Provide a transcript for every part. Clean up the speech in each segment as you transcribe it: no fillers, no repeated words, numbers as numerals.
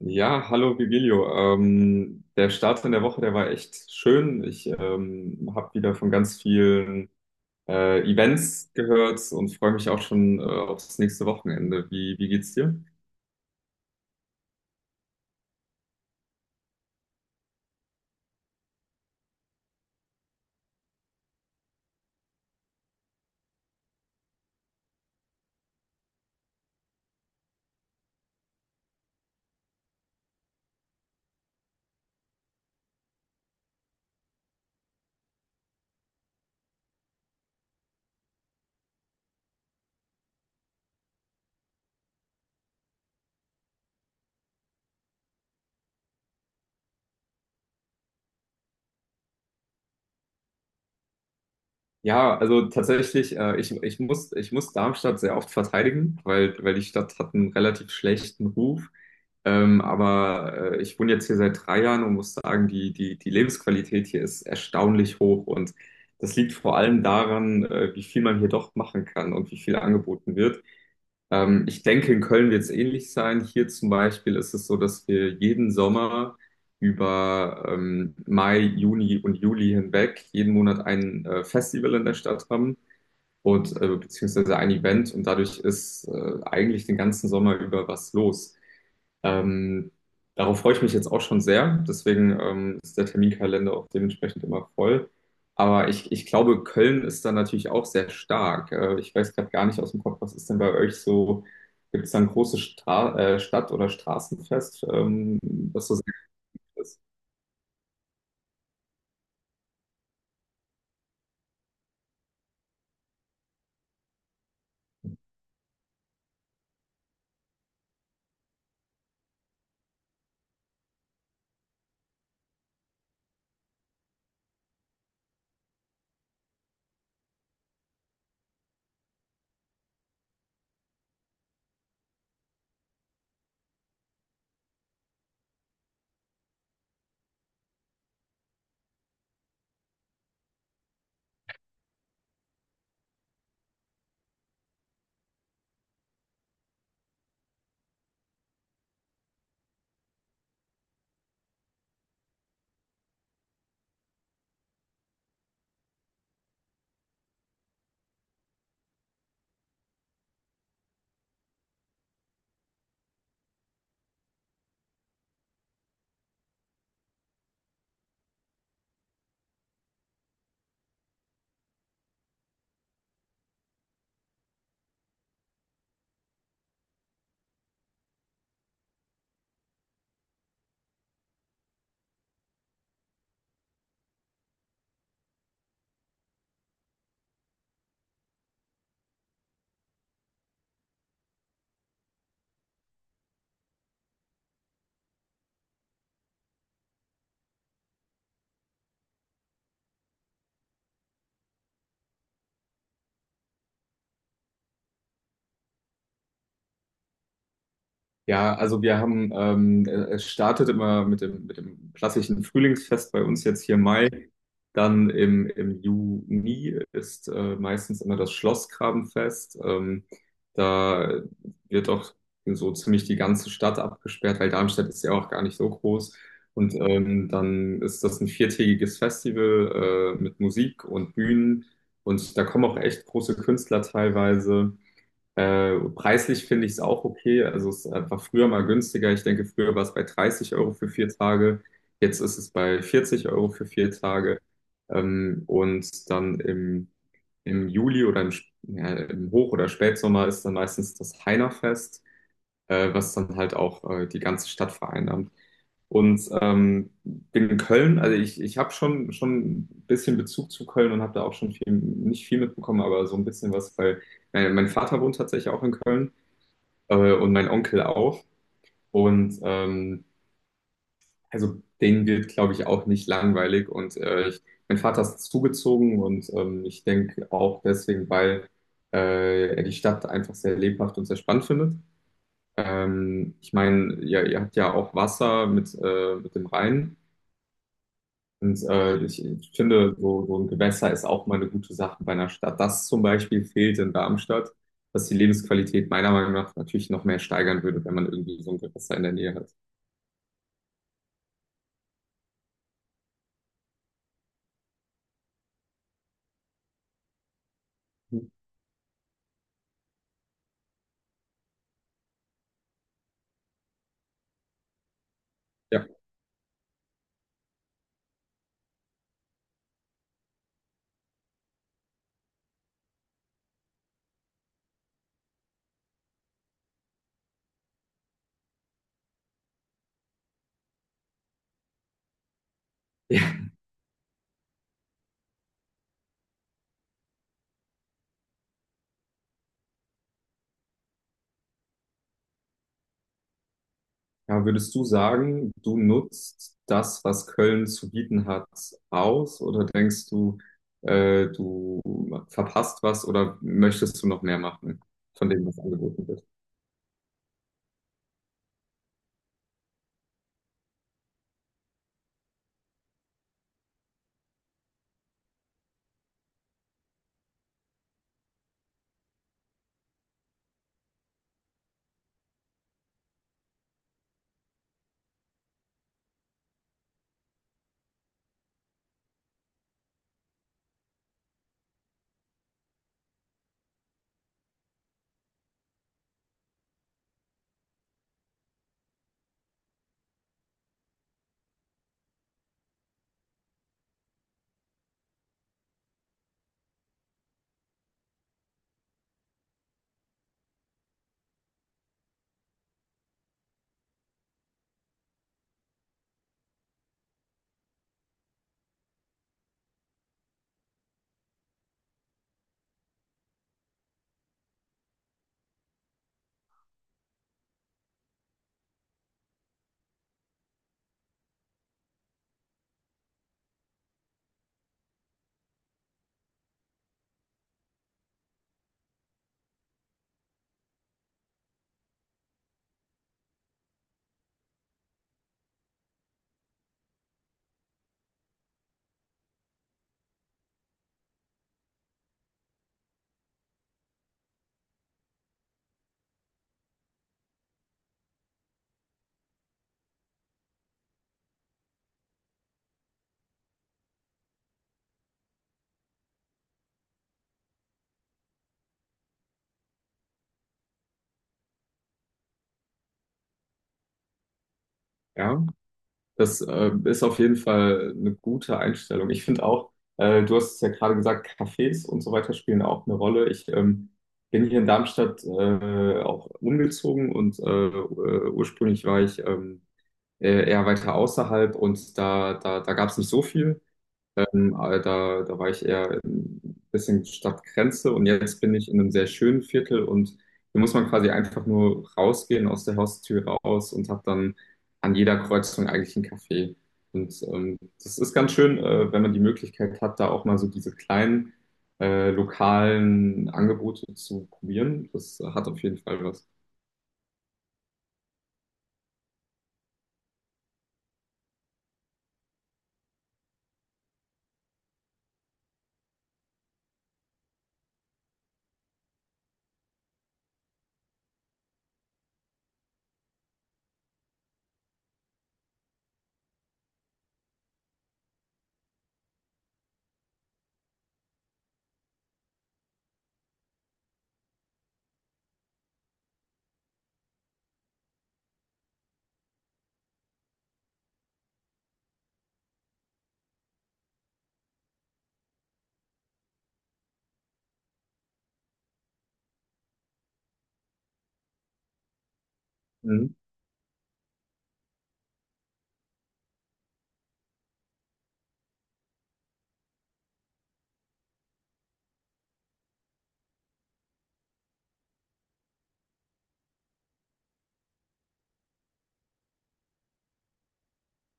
Ja, hallo Vigilio. Der Start in der Woche, der war echt schön. Ich habe wieder von ganz vielen Events gehört und freue mich auch schon aufs nächste Wochenende. Wie geht's dir? Ja, also tatsächlich, ich muss Darmstadt sehr oft verteidigen, weil die Stadt hat einen relativ schlechten Ruf. Aber ich wohne jetzt hier seit 3 Jahren und muss sagen, die Lebensqualität hier ist erstaunlich hoch. Und das liegt vor allem daran, wie viel man hier doch machen kann und wie viel angeboten wird. Ich denke, in Köln wird es ähnlich sein. Hier zum Beispiel ist es so, dass wir jeden Sommer über Mai, Juni und Juli hinweg jeden Monat ein Festival in der Stadt haben und beziehungsweise ein Event, und dadurch ist eigentlich den ganzen Sommer über was los. Ähm, Darauf freue ich mich jetzt auch schon sehr. Deswegen ist der Terminkalender auch dementsprechend immer voll. Aber ich glaube, Köln ist da natürlich auch sehr stark. Ich weiß gerade gar nicht aus dem Kopf, was ist denn bei euch so? Gibt es da ein großes Stra Stadt- oder Straßenfest, was so sehr ist? Ja, also es startet immer mit dem klassischen Frühlingsfest bei uns jetzt hier im Mai. Dann im Juni ist meistens immer das Schlossgrabenfest. Da wird auch so ziemlich die ganze Stadt abgesperrt, weil Darmstadt ist ja auch gar nicht so groß. Und dann ist das ein viertägiges Festival mit Musik und Bühnen. Und da kommen auch echt große Künstler teilweise. Preislich finde ich es auch okay. Also es war früher mal günstiger. Ich denke, früher war es bei 30 € für 4 Tage. Jetzt ist es bei 40 € für 4 Tage. Und dann im Juli oder im Hoch- oder Spätsommer ist dann meistens das Heinerfest, was dann halt auch die ganze Stadt vereinnahmt. Und bin in Köln, also ich habe schon, schon ein bisschen Bezug zu Köln und habe da auch schon viel, nicht viel mitbekommen, aber so ein bisschen was, weil mein Vater wohnt tatsächlich auch in Köln und mein Onkel auch. Und also denen wird, glaube ich, auch nicht langweilig. Und mein Vater ist zugezogen, und ich denke auch deswegen, weil er die Stadt einfach sehr lebhaft und sehr spannend findet. Ich meine, ihr habt ja auch Wasser mit, mit dem Rhein. Und ich finde, so ein Gewässer ist auch mal eine gute Sache bei einer Stadt. Das zum Beispiel fehlt in Darmstadt, was die Lebensqualität meiner Meinung nach natürlich noch mehr steigern würde, wenn man irgendwie so ein Gewässer in der Nähe hat. Ja. Ja, würdest du sagen, du nutzt das, was Köln zu bieten hat, aus? Oder denkst du, du verpasst was, oder möchtest du noch mehr machen von dem, was angeboten wird? Ja. Das ist auf jeden Fall eine gute Einstellung. Ich finde auch, du hast es ja gerade gesagt, Cafés und so weiter spielen auch eine Rolle. Ich bin hier in Darmstadt auch umgezogen, und ursprünglich war ich eher weiter außerhalb, und da gab es nicht so viel. Aber da war ich eher ein bisschen Stadtgrenze, und jetzt bin ich in einem sehr schönen Viertel, und hier muss man quasi einfach nur rausgehen, aus der Haustür raus, und hat dann an jeder Kreuzung eigentlich einen Café. Und das ist ganz schön, wenn man die Möglichkeit hat, da auch mal so diese kleinen lokalen Angebote zu probieren. Das hat auf jeden Fall was. Mhm.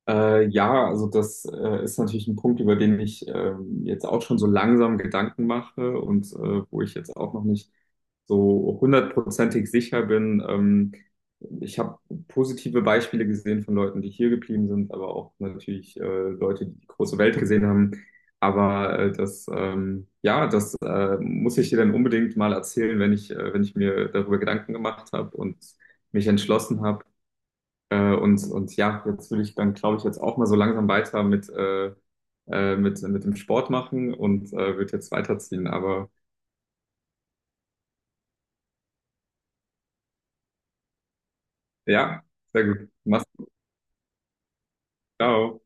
Ja, also das ist natürlich ein Punkt, über den ich jetzt auch schon so langsam Gedanken mache, und wo ich jetzt auch noch nicht so hundertprozentig sicher bin. Ich habe positive Beispiele gesehen von Leuten, die hier geblieben sind, aber auch natürlich Leute, die die große Welt gesehen haben. Aber ja, das muss ich dir dann unbedingt mal erzählen, wenn ich, wenn ich mir darüber Gedanken gemacht habe und mich entschlossen habe. Und ja, jetzt will ich dann, glaube ich, jetzt auch mal so langsam weiter mit dem Sport machen und wird jetzt weiterziehen. Aber ja, sehr gut. Mach's gut. Ciao.